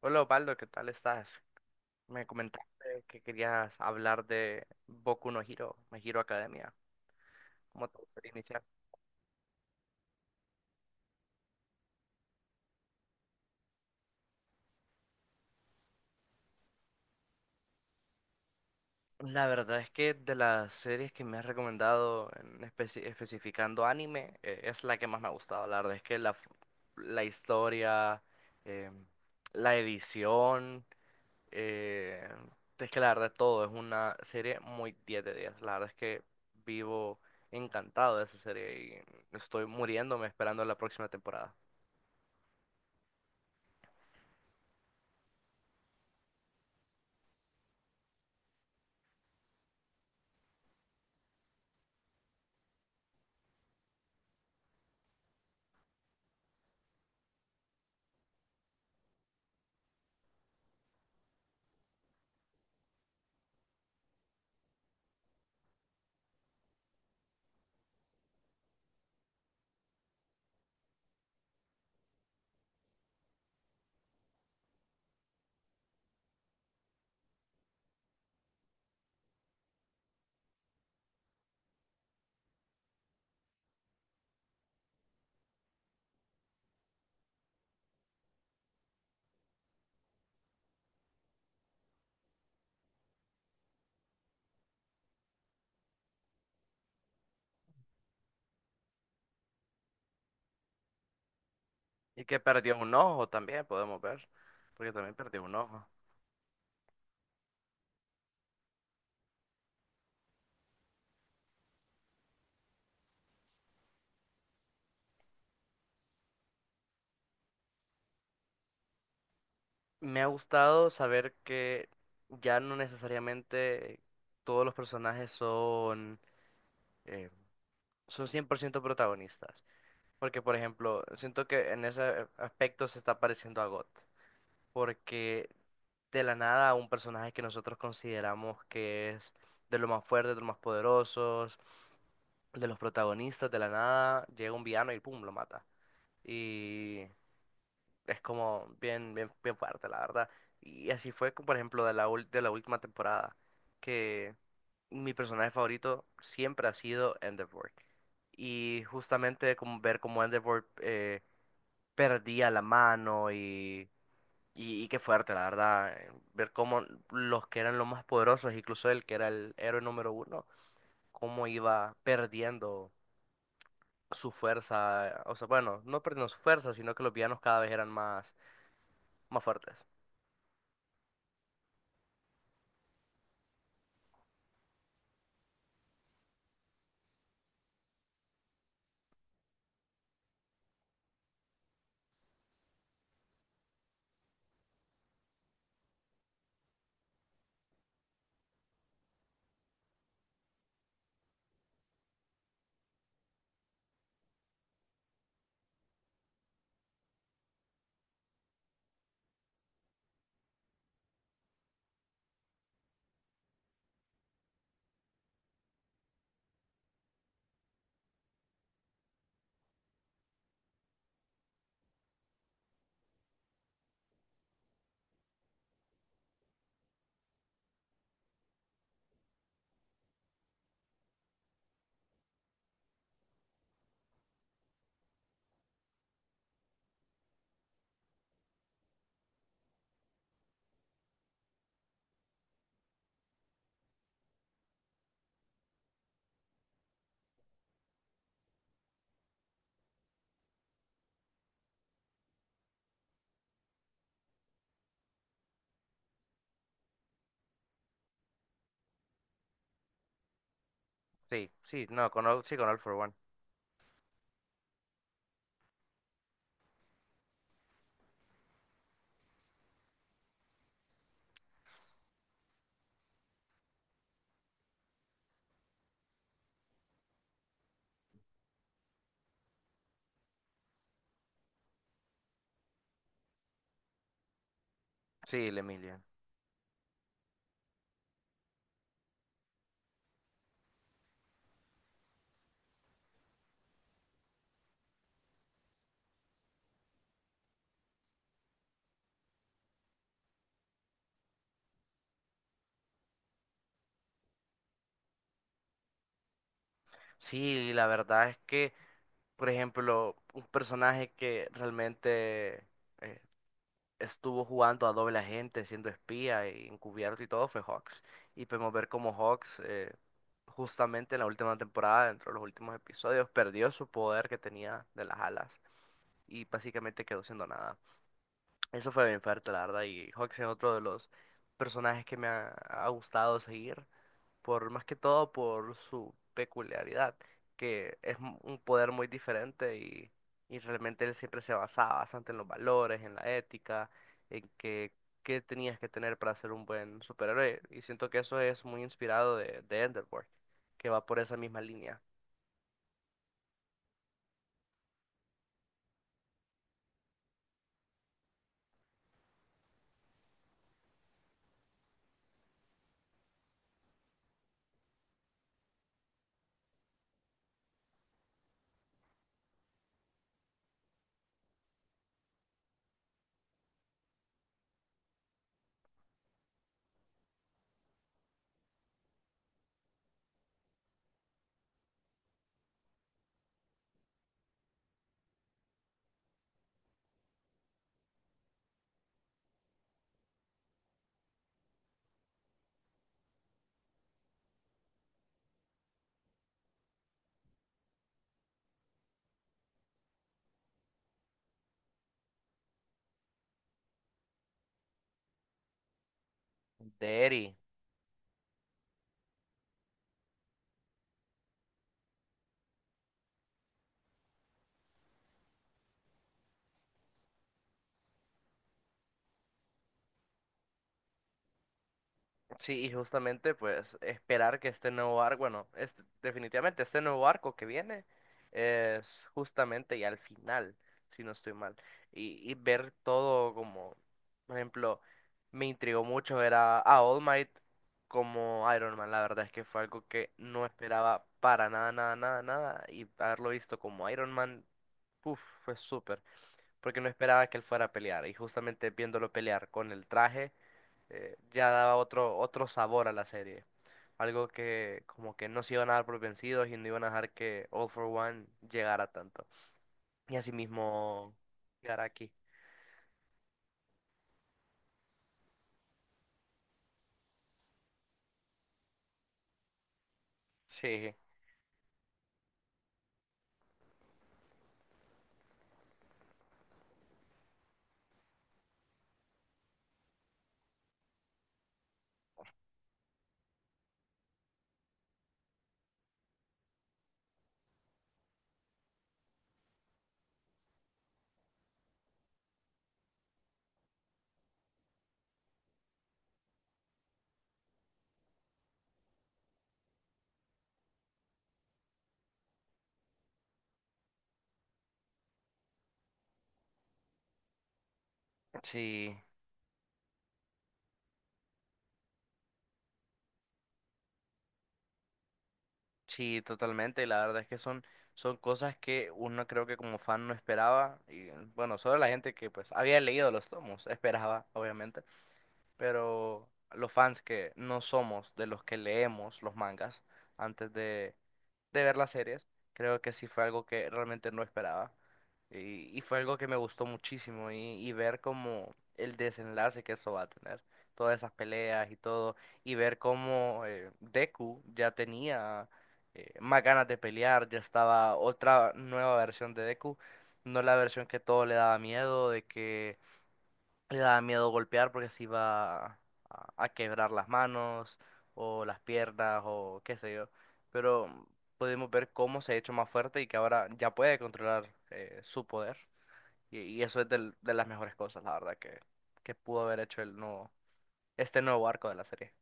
Hola Osvaldo, ¿qué tal estás? Me comentaste que querías hablar de Boku no Hero, My Hero Academia. ¿Cómo te gustaría iniciar? La verdad es que de las series que me has recomendado, especificando anime, es la que más me ha gustado. La verdad es que la historia, eh, la edición, eh, es que la verdad todo es una serie muy 10 de 10. La verdad es que vivo encantado de esa serie y estoy muriéndome esperando la próxima temporada. Y que perdió un ojo también, podemos ver, porque también perdió un ojo. Me ha gustado saber que ya no necesariamente todos los personajes son, eh, son 100% protagonistas, porque por ejemplo, siento que en ese aspecto se está pareciendo a GOT, porque de la nada un personaje que nosotros consideramos que es de los más fuertes, de los más poderosos, de los protagonistas, de la nada llega un villano y pum, lo mata. Y es como bien, bien, bien fuerte, la verdad. Y así fue, como, por ejemplo, de la última temporada, que mi personaje favorito siempre ha sido Endeavor. Y justamente como ver cómo Endeavor perdía la mano y qué fuerte, la verdad. Ver cómo los que eran los más poderosos, incluso él que era el héroe número 1, cómo iba perdiendo su fuerza. O sea, bueno, no perdiendo su fuerza, sino que los villanos cada vez eran más, más fuertes. Sí, sí, no, con All, sí, con All for One. Sí, el Emilio. Sí, la verdad es que, por ejemplo, un personaje que realmente eh, estuvo jugando a doble agente, siendo espía y encubierto y todo, fue Hawks. Y podemos ver cómo Hawks, justamente en la última temporada, dentro de los últimos episodios, perdió su poder que tenía de las alas y básicamente quedó siendo nada. Eso fue bien fuerte, la verdad. Y Hawks es otro de los personajes que me ha gustado seguir por más que todo por su peculiaridad, que es un poder muy diferente y realmente él siempre se basaba bastante en los valores, en la ética, en que qué tenías que tener para ser un buen superhéroe. Y siento que eso es muy inspirado de Enderborn, que va por esa misma línea. De Eri. Sí, y justamente pues esperar que este nuevo arco, definitivamente este nuevo arco que viene es justamente ya al final, si no estoy mal. Y ver todo como, por ejemplo, me intrigó mucho ver a All Might como Iron Man. La verdad es que fue algo que no esperaba para nada, nada, nada, nada. Y haberlo visto como Iron Man, uf, fue súper. Porque no esperaba que él fuera a pelear. Y justamente viéndolo pelear con el traje ya daba otro, otro sabor a la serie. Algo que como que no se iban a dar por vencidos y no iban a dejar que All for One llegara tanto. Y asimismo llegar aquí. Sí, sí, sí, totalmente. La verdad es que son, son cosas que uno creo que como fan no esperaba. Y bueno, solo la gente que pues había leído los tomos esperaba, obviamente. Pero los fans que no somos de los que leemos los mangas antes de ver las series, creo que sí fue algo que realmente no esperaba. Y fue algo que me gustó muchísimo y ver como el desenlace que eso va a tener, todas esas peleas y todo, y ver cómo Deku ya tenía más ganas de pelear, ya estaba otra nueva versión de Deku, no la versión que todo le daba miedo, de que le daba miedo golpear porque se iba a quebrar las manos o las piernas o qué sé yo. Pero pudimos ver cómo se ha hecho más fuerte y que ahora ya puede controlar su poder. Y eso es de las mejores cosas, la verdad, que pudo haber hecho este nuevo arco de la serie.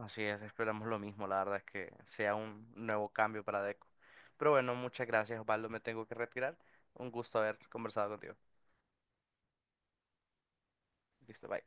Así es, esperamos lo mismo, la verdad es que sea un nuevo cambio para Deco. Pero bueno, muchas gracias, Osvaldo, me tengo que retirar. Un gusto haber conversado contigo. Listo, bye.